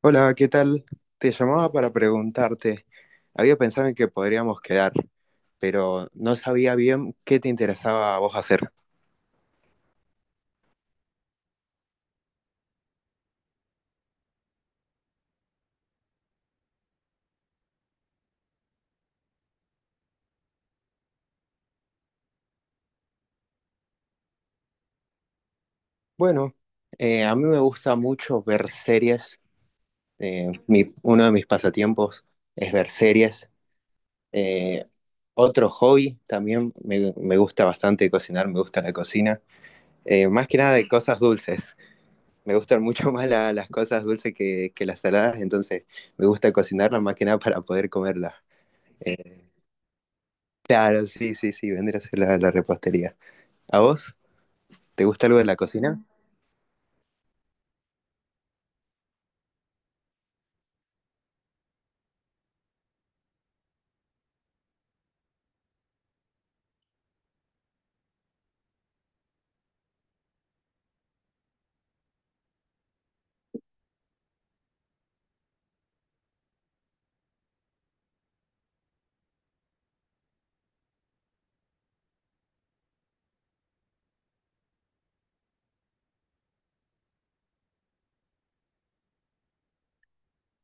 Hola, ¿qué tal? Te llamaba para preguntarte. Había pensado en que podríamos quedar, pero no sabía bien qué te interesaba a vos hacer. Bueno, a mí me gusta mucho ver series. Uno de mis pasatiempos es ver series. Eh, Otro hobby también me gusta bastante cocinar, me gusta la cocina. Más que nada de cosas dulces. Me gustan mucho más las cosas dulces que las saladas, entonces me gusta cocinarlas más que nada para poder comerlas. eh, Claro, sí, sí, sí, vendría a ser la repostería. ¿A vos? ¿Te gusta algo de la cocina?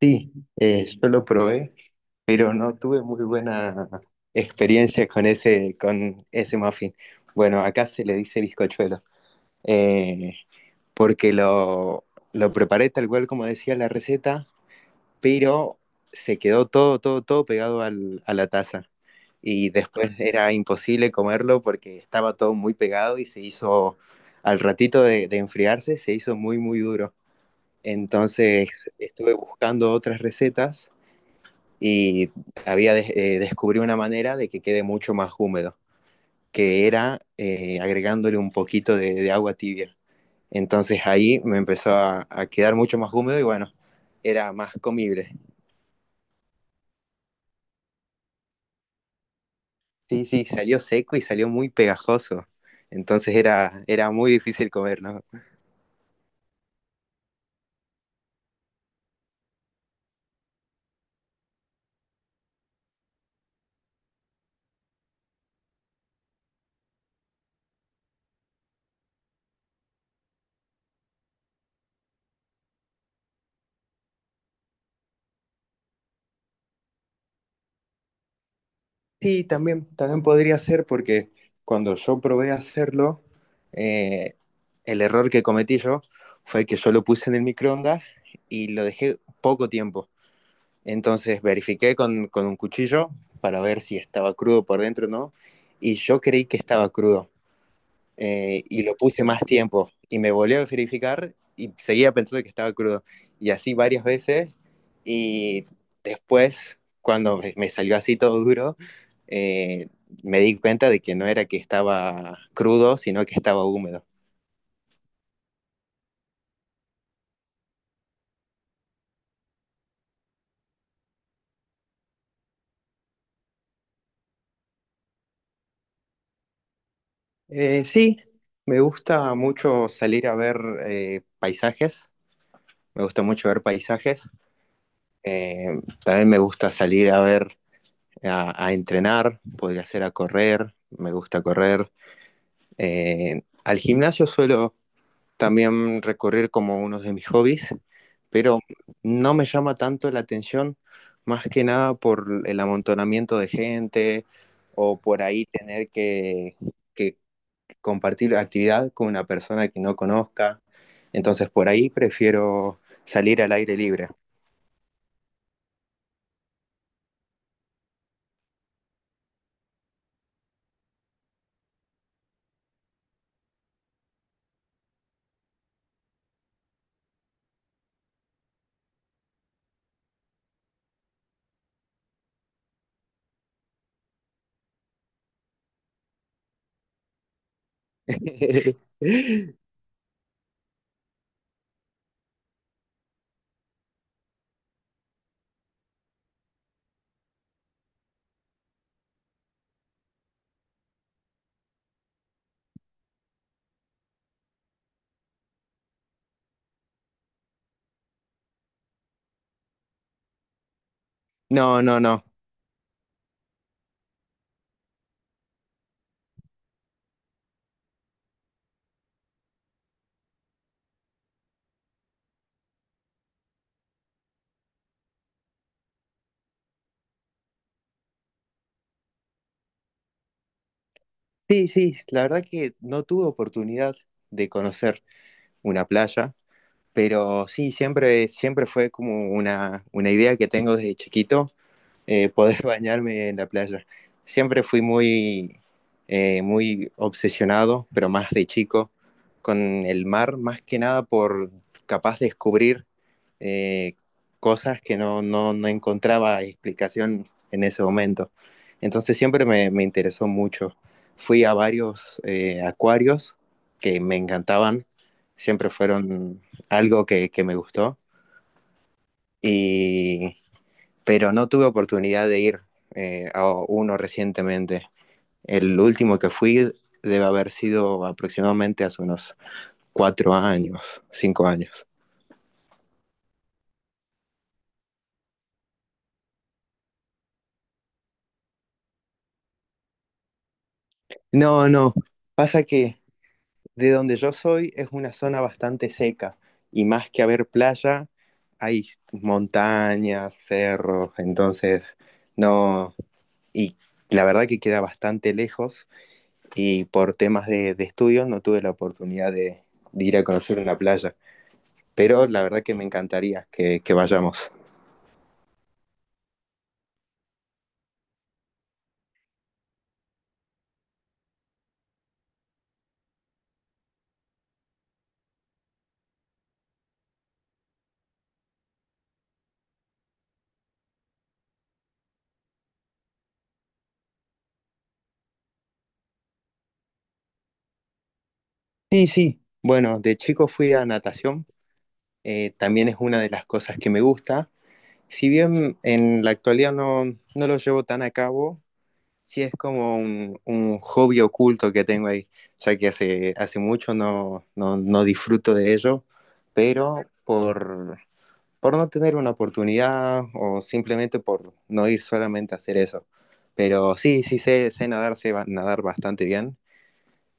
Sí, yo lo probé, pero no tuve muy buena experiencia con ese muffin. Bueno, acá se le dice bizcochuelo, eh, porque lo preparé tal cual como decía la receta, pero se quedó todo pegado a la taza. Y después era imposible comerlo porque estaba todo muy pegado y se hizo, al ratito de enfriarse, se hizo muy duro. Entonces estuve buscando otras recetas y descubrí una manera de que quede mucho más húmedo, que era agregándole un poquito de agua tibia. Entonces ahí me empezó a quedar mucho más húmedo y bueno, era más comible. Sí, sí, salió seco y salió muy pegajoso. Entonces era muy difícil comer, ¿no? Sí, también podría ser porque cuando yo probé hacerlo, eh, el error que cometí yo fue que yo lo puse en el microondas y lo dejé poco tiempo. Entonces verifiqué con un cuchillo para ver si estaba crudo por dentro o no. Y yo creí que estaba crudo. Y lo puse más tiempo y me volvió a verificar y seguía pensando que estaba crudo. Y así varias veces y después, cuando me salió así todo duro, eh, me di cuenta de que no era que estaba crudo, sino que estaba húmedo. Sí, me gusta mucho salir a ver paisajes, me gusta mucho ver paisajes. Eh, También me gusta salir a ver, a entrenar, podría ser a correr, me gusta correr. Al gimnasio suelo también recorrer como uno de mis hobbies, pero no me llama tanto la atención, más que nada por el amontonamiento de gente o por ahí tener que compartir actividad con una persona que no conozca. Entonces por ahí prefiero salir al aire libre. No, no, no. Sí, sí, la verdad que no tuve oportunidad de conocer una playa. Pero sí, siempre fue como una idea que tengo desde chiquito, poder bañarme en la playa. Siempre fui muy, muy obsesionado, pero más de chico, con el mar, más que nada por capaz de descubrir eh, cosas que no encontraba explicación en ese momento. Entonces siempre me interesó mucho. Fui a varios acuarios que me encantaban, siempre fueron algo que me gustó. Y pero no tuve oportunidad de ir a uno recientemente. El último que fui debe haber sido aproximadamente hace unos cuatro años, cinco años. No, no, pasa que de donde yo soy es una zona bastante seca y más que haber playa, hay montañas, cerros, entonces no, y la verdad que queda bastante lejos y por temas de estudio no tuve la oportunidad de ir a conocer una playa. Pero la verdad que me encantaría que vayamos. Sí, sí. Bueno, de chico fui a natación, también es una de las cosas que me gusta. Si bien en la actualidad no, no lo llevo tan a cabo, sí es como un hobby oculto que tengo ahí, ya que hace mucho no disfruto de ello, pero por no tener una oportunidad o simplemente por no ir solamente a hacer eso. Pero sí, sé nadar, nadar bastante bien.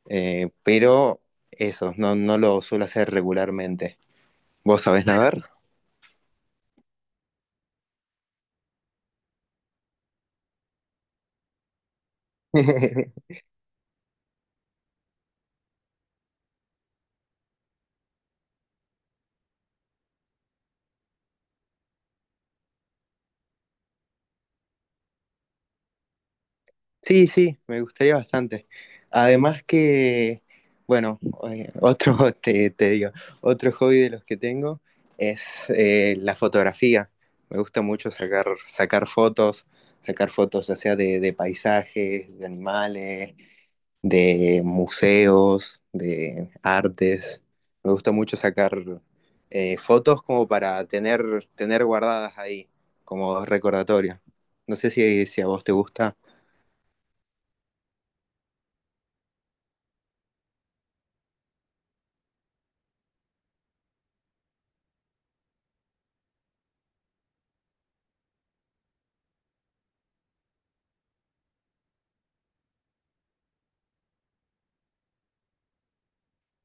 Pero eso, no, no lo suelo hacer regularmente. ¿Vos sabés nadar? Sí, sí, me gustaría bastante. Además que, bueno, eh, otro, te digo, otro hobby de los que tengo es la fotografía. Me gusta mucho sacar fotos ya sea de paisajes, de animales, de museos, de artes. Me gusta mucho sacar fotos como para tener, tener guardadas ahí, como recordatorio. No sé si, si a vos te gusta.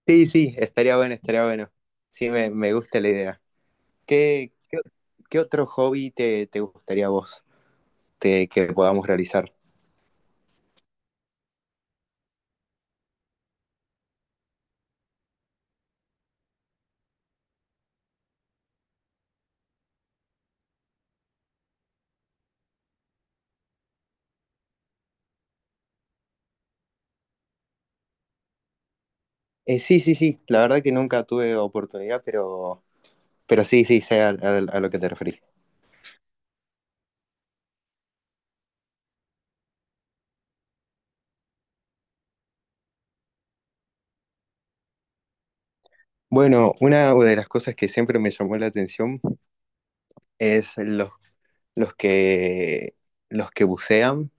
Sí, sí, estaría bueno, estaría bueno. Sí, me gusta la idea. ¿Qué, qué, ¿Qué otro hobby te gustaría a vos que podamos realizar? Sí, sí, sí. La verdad que nunca tuve oportunidad, pero sí, sí, sé a lo que te referís. Bueno, una de las cosas que siempre me llamó la atención es los que, los que bucean.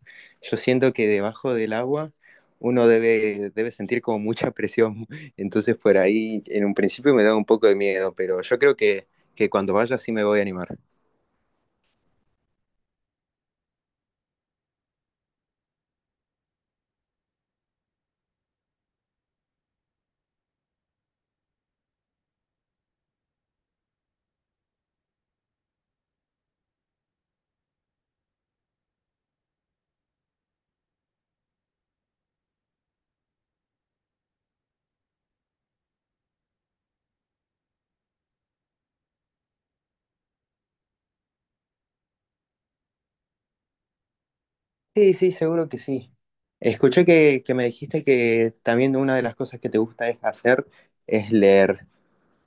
Yo siento que debajo del agua uno debe sentir como mucha presión. Entonces por ahí en un principio me da un poco de miedo, pero yo creo que cuando vaya sí me voy a animar. Sí, sí, seguro que sí. Escuché que me dijiste que también una de las cosas que te gusta es hacer es leer.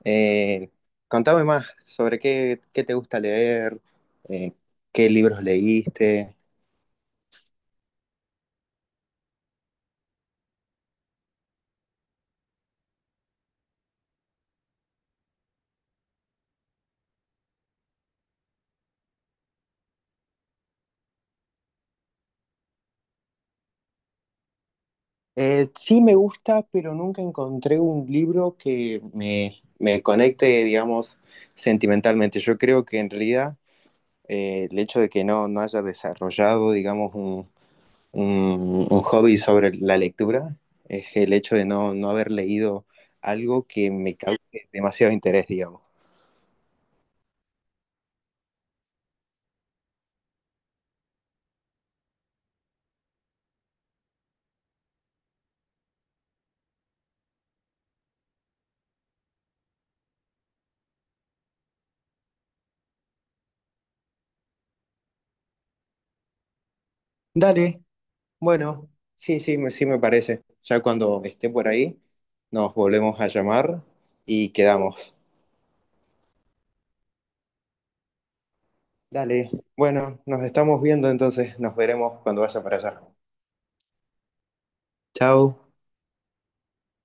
Eh, Contame más sobre qué te gusta leer, eh, qué libros leíste. Sí me gusta, pero nunca encontré un libro que me conecte, digamos, sentimentalmente. Yo creo que en realidad el hecho de que no, no haya desarrollado, digamos, un hobby sobre la lectura es el hecho de no, no haber leído algo que me cause demasiado interés, digamos. Dale, bueno, sí, sí, sí me parece. Ya cuando esté por ahí, nos volvemos a llamar y quedamos. Dale, bueno, nos estamos viendo entonces, nos veremos cuando vaya para allá. Chao.